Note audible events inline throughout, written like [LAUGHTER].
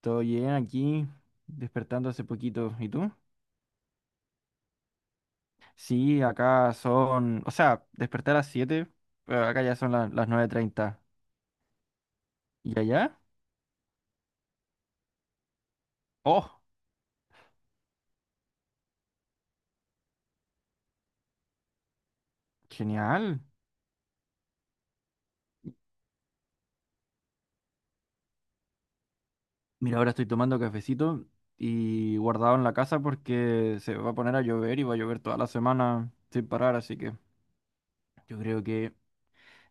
Todo bien aquí, despertando hace poquito. ¿Y tú? Sí, acá son, o sea, desperté a las 7, pero acá ya son las nueve treinta. ¿Y allá? ¡Oh! ¡Genial! Mira, ahora estoy tomando cafecito y guardado en la casa porque se va a poner a llover y va a llover toda la semana sin parar, así que yo creo que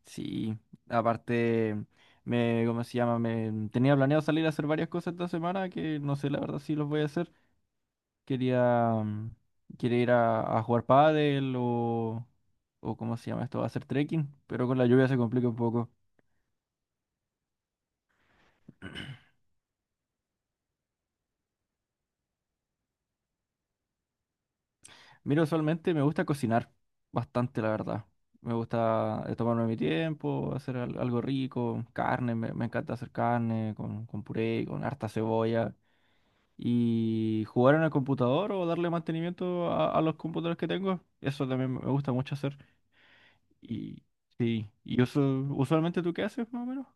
sí. Aparte, me, ¿cómo se llama? Me tenía planeado salir a hacer varias cosas esta semana que no sé la verdad si los voy a hacer. Quería, quiere ir a jugar pádel o ¿cómo se llama esto? A hacer trekking, pero con la lluvia se complica un poco. Mira, usualmente me gusta cocinar bastante, la verdad. Me gusta tomarme mi tiempo, hacer algo rico, carne, me encanta hacer carne con puré, con harta cebolla. Y jugar en el computador o darle mantenimiento a los computadores que tengo, eso también me gusta mucho hacer. Y sí, y usualmente ¿tú qué haces más o menos?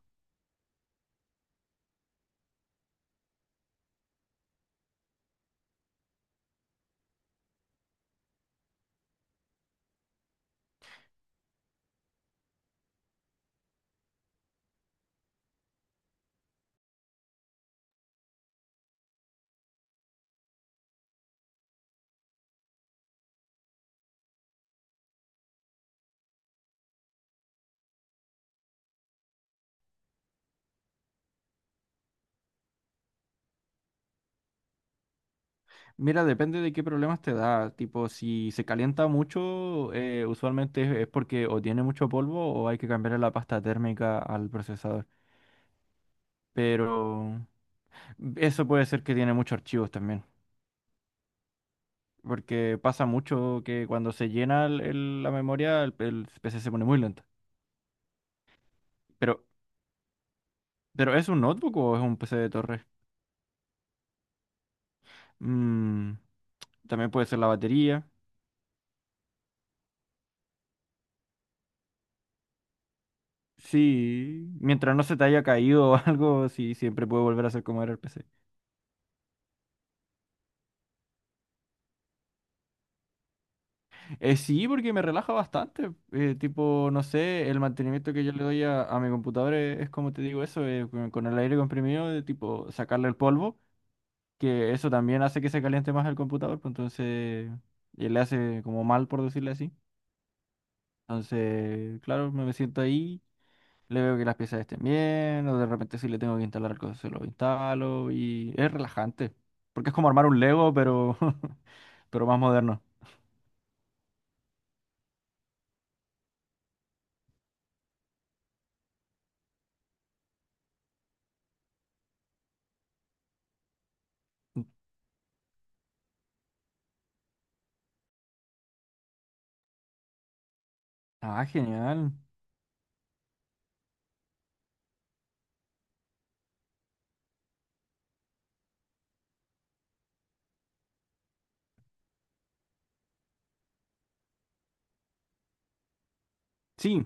Mira, depende de qué problemas te da. Tipo, si se calienta mucho, usualmente es porque o tiene mucho polvo o hay que cambiarle la pasta térmica al procesador. Pero eso puede ser que tiene muchos archivos también. Porque pasa mucho que cuando se llena la memoria, el PC se pone muy lento. Pero, pero ¿es un notebook o es un PC de torre? Mm, también puede ser la batería. Sí, mientras no se te haya caído [LAUGHS] o algo, sí, siempre puede volver a ser como era el PC. Sí, porque me relaja bastante. Tipo, no sé, el mantenimiento que yo le doy a mi computadora es como te digo eso, con el aire comprimido, de tipo sacarle el polvo, que eso también hace que se caliente más el computador, pues entonces y le hace como mal, por decirle así. Entonces, claro, me siento ahí, le veo que las piezas estén bien, o de repente si le tengo que instalar algo, se lo instalo, y es relajante, porque es como armar un Lego, pero, [LAUGHS] pero más moderno. Ah, genial. Sí,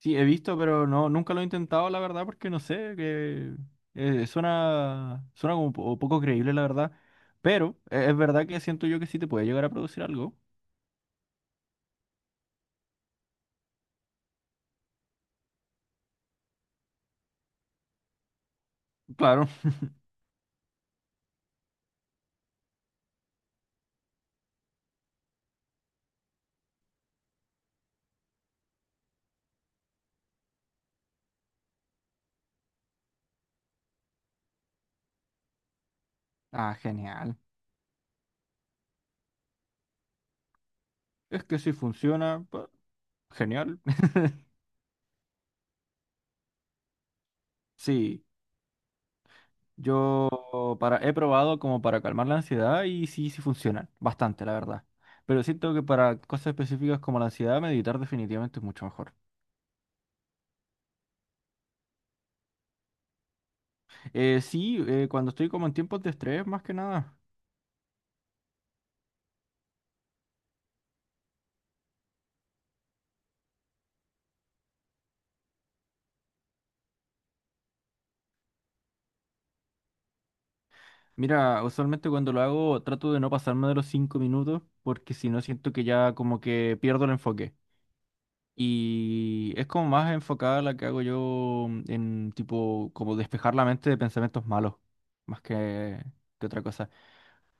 sí, he visto, pero no, nunca lo he intentado, la verdad, porque no sé, que suena, suena como poco creíble, la verdad. Pero es verdad que siento yo que sí te puede llegar a producir algo. Claro. Ah, genial. Es que si funciona, pa- ¡genial! [LAUGHS] Sí, yo para, he probado como para calmar la ansiedad y sí, sí funciona, bastante, la verdad. Pero siento que para cosas específicas como la ansiedad, meditar definitivamente es mucho mejor. Sí, cuando estoy como en tiempos de estrés, más que nada. Mira, usualmente cuando lo hago trato de no pasarme de los cinco minutos porque si no siento que ya como que pierdo el enfoque. Y es como más enfocada la que hago yo en tipo como despejar la mente de pensamientos malos, más que otra cosa.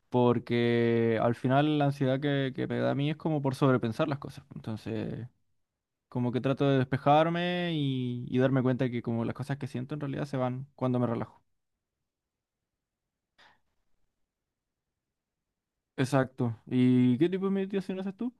Porque al final la ansiedad que me da a mí es como por sobrepensar las cosas. Entonces como que trato de despejarme y darme cuenta que como las cosas que siento en realidad se van cuando me relajo. Exacto. ¿Y qué tipo de meditación haces tú?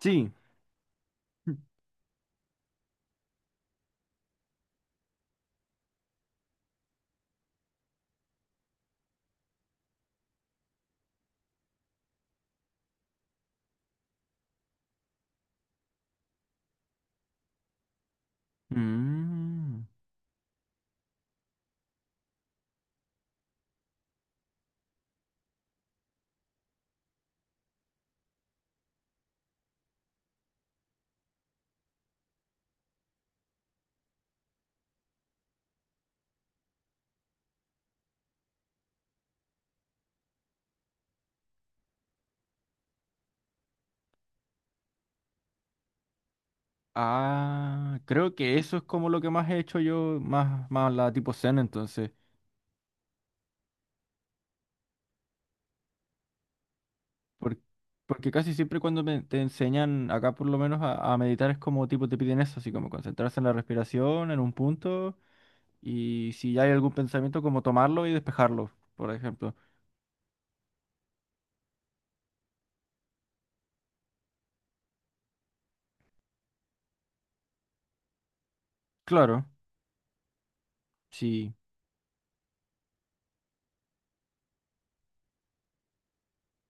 Sí. Mm. Ah, creo que eso es como lo que más he hecho yo, más, más la tipo zen entonces. Por- porque casi siempre cuando te enseñan, acá por lo menos, a meditar es como tipo te piden eso, así como concentrarse en la respiración, en un punto, y si ya hay algún pensamiento, como tomarlo y despejarlo, por ejemplo. Claro, sí.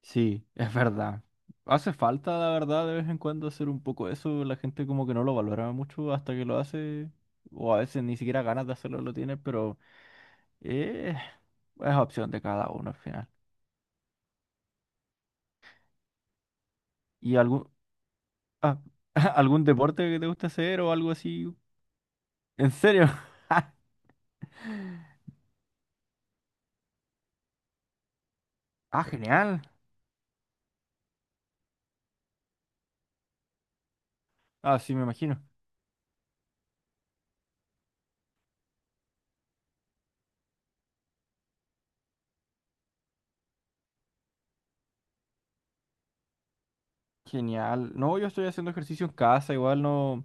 Sí, [LAUGHS] es verdad. Hace falta, la verdad, de vez en cuando hacer un poco eso. La gente como que no lo valora mucho hasta que lo hace. O a veces ni siquiera ganas de hacerlo lo tiene, pero eh, es opción de cada uno al final. ¿Y algún, ah, [LAUGHS] algún deporte que te guste hacer o algo así? ¿En serio? [LAUGHS] Ah, genial. Ah, sí, me imagino. Genial. No, yo estoy haciendo ejercicio en casa, igual no.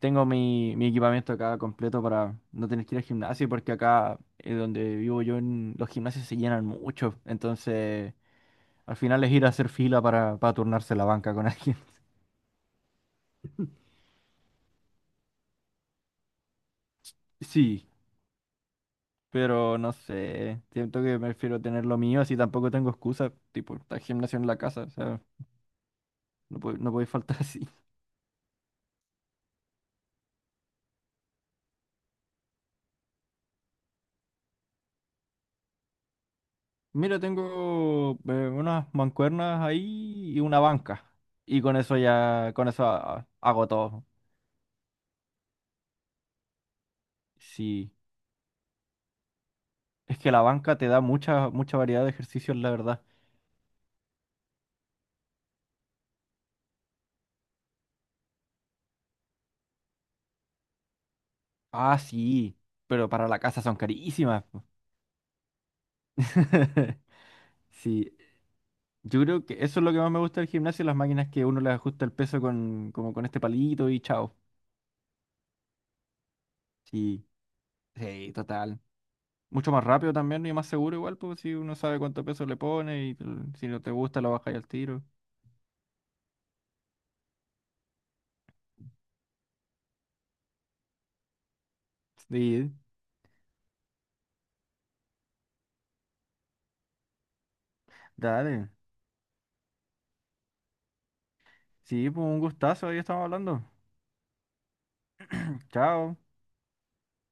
Tengo mi, mi equipamiento acá completo para no tener que ir al gimnasio, porque acá donde vivo yo, en- los gimnasios se llenan mucho. Entonces, al final es ir a hacer fila para turnarse la banca con alguien. [LAUGHS] Sí, pero no sé. Siento que prefiero tener lo mío, así tampoco tengo excusa. Tipo, está el gimnasio en la casa, o sea, no puede, no puede faltar [LAUGHS] así. Mira, tengo unas mancuernas ahí y una banca. Y con eso ya, con eso hago todo. Sí. Es que la banca te da mucha, mucha variedad de ejercicios, la verdad. Ah, sí, pero para la casa son carísimas. Po. [LAUGHS] Sí, yo creo que eso es lo que más me gusta del gimnasio, las máquinas que uno le ajusta el peso con, como con este palito y chao. Sí, sí, total. Mucho más rápido también y más seguro igual, pues si uno sabe cuánto peso le pone y tal, si no te gusta lo bajas al tiro. Sí, dale. Sí, pues un gustazo, ahí estamos hablando. Chao.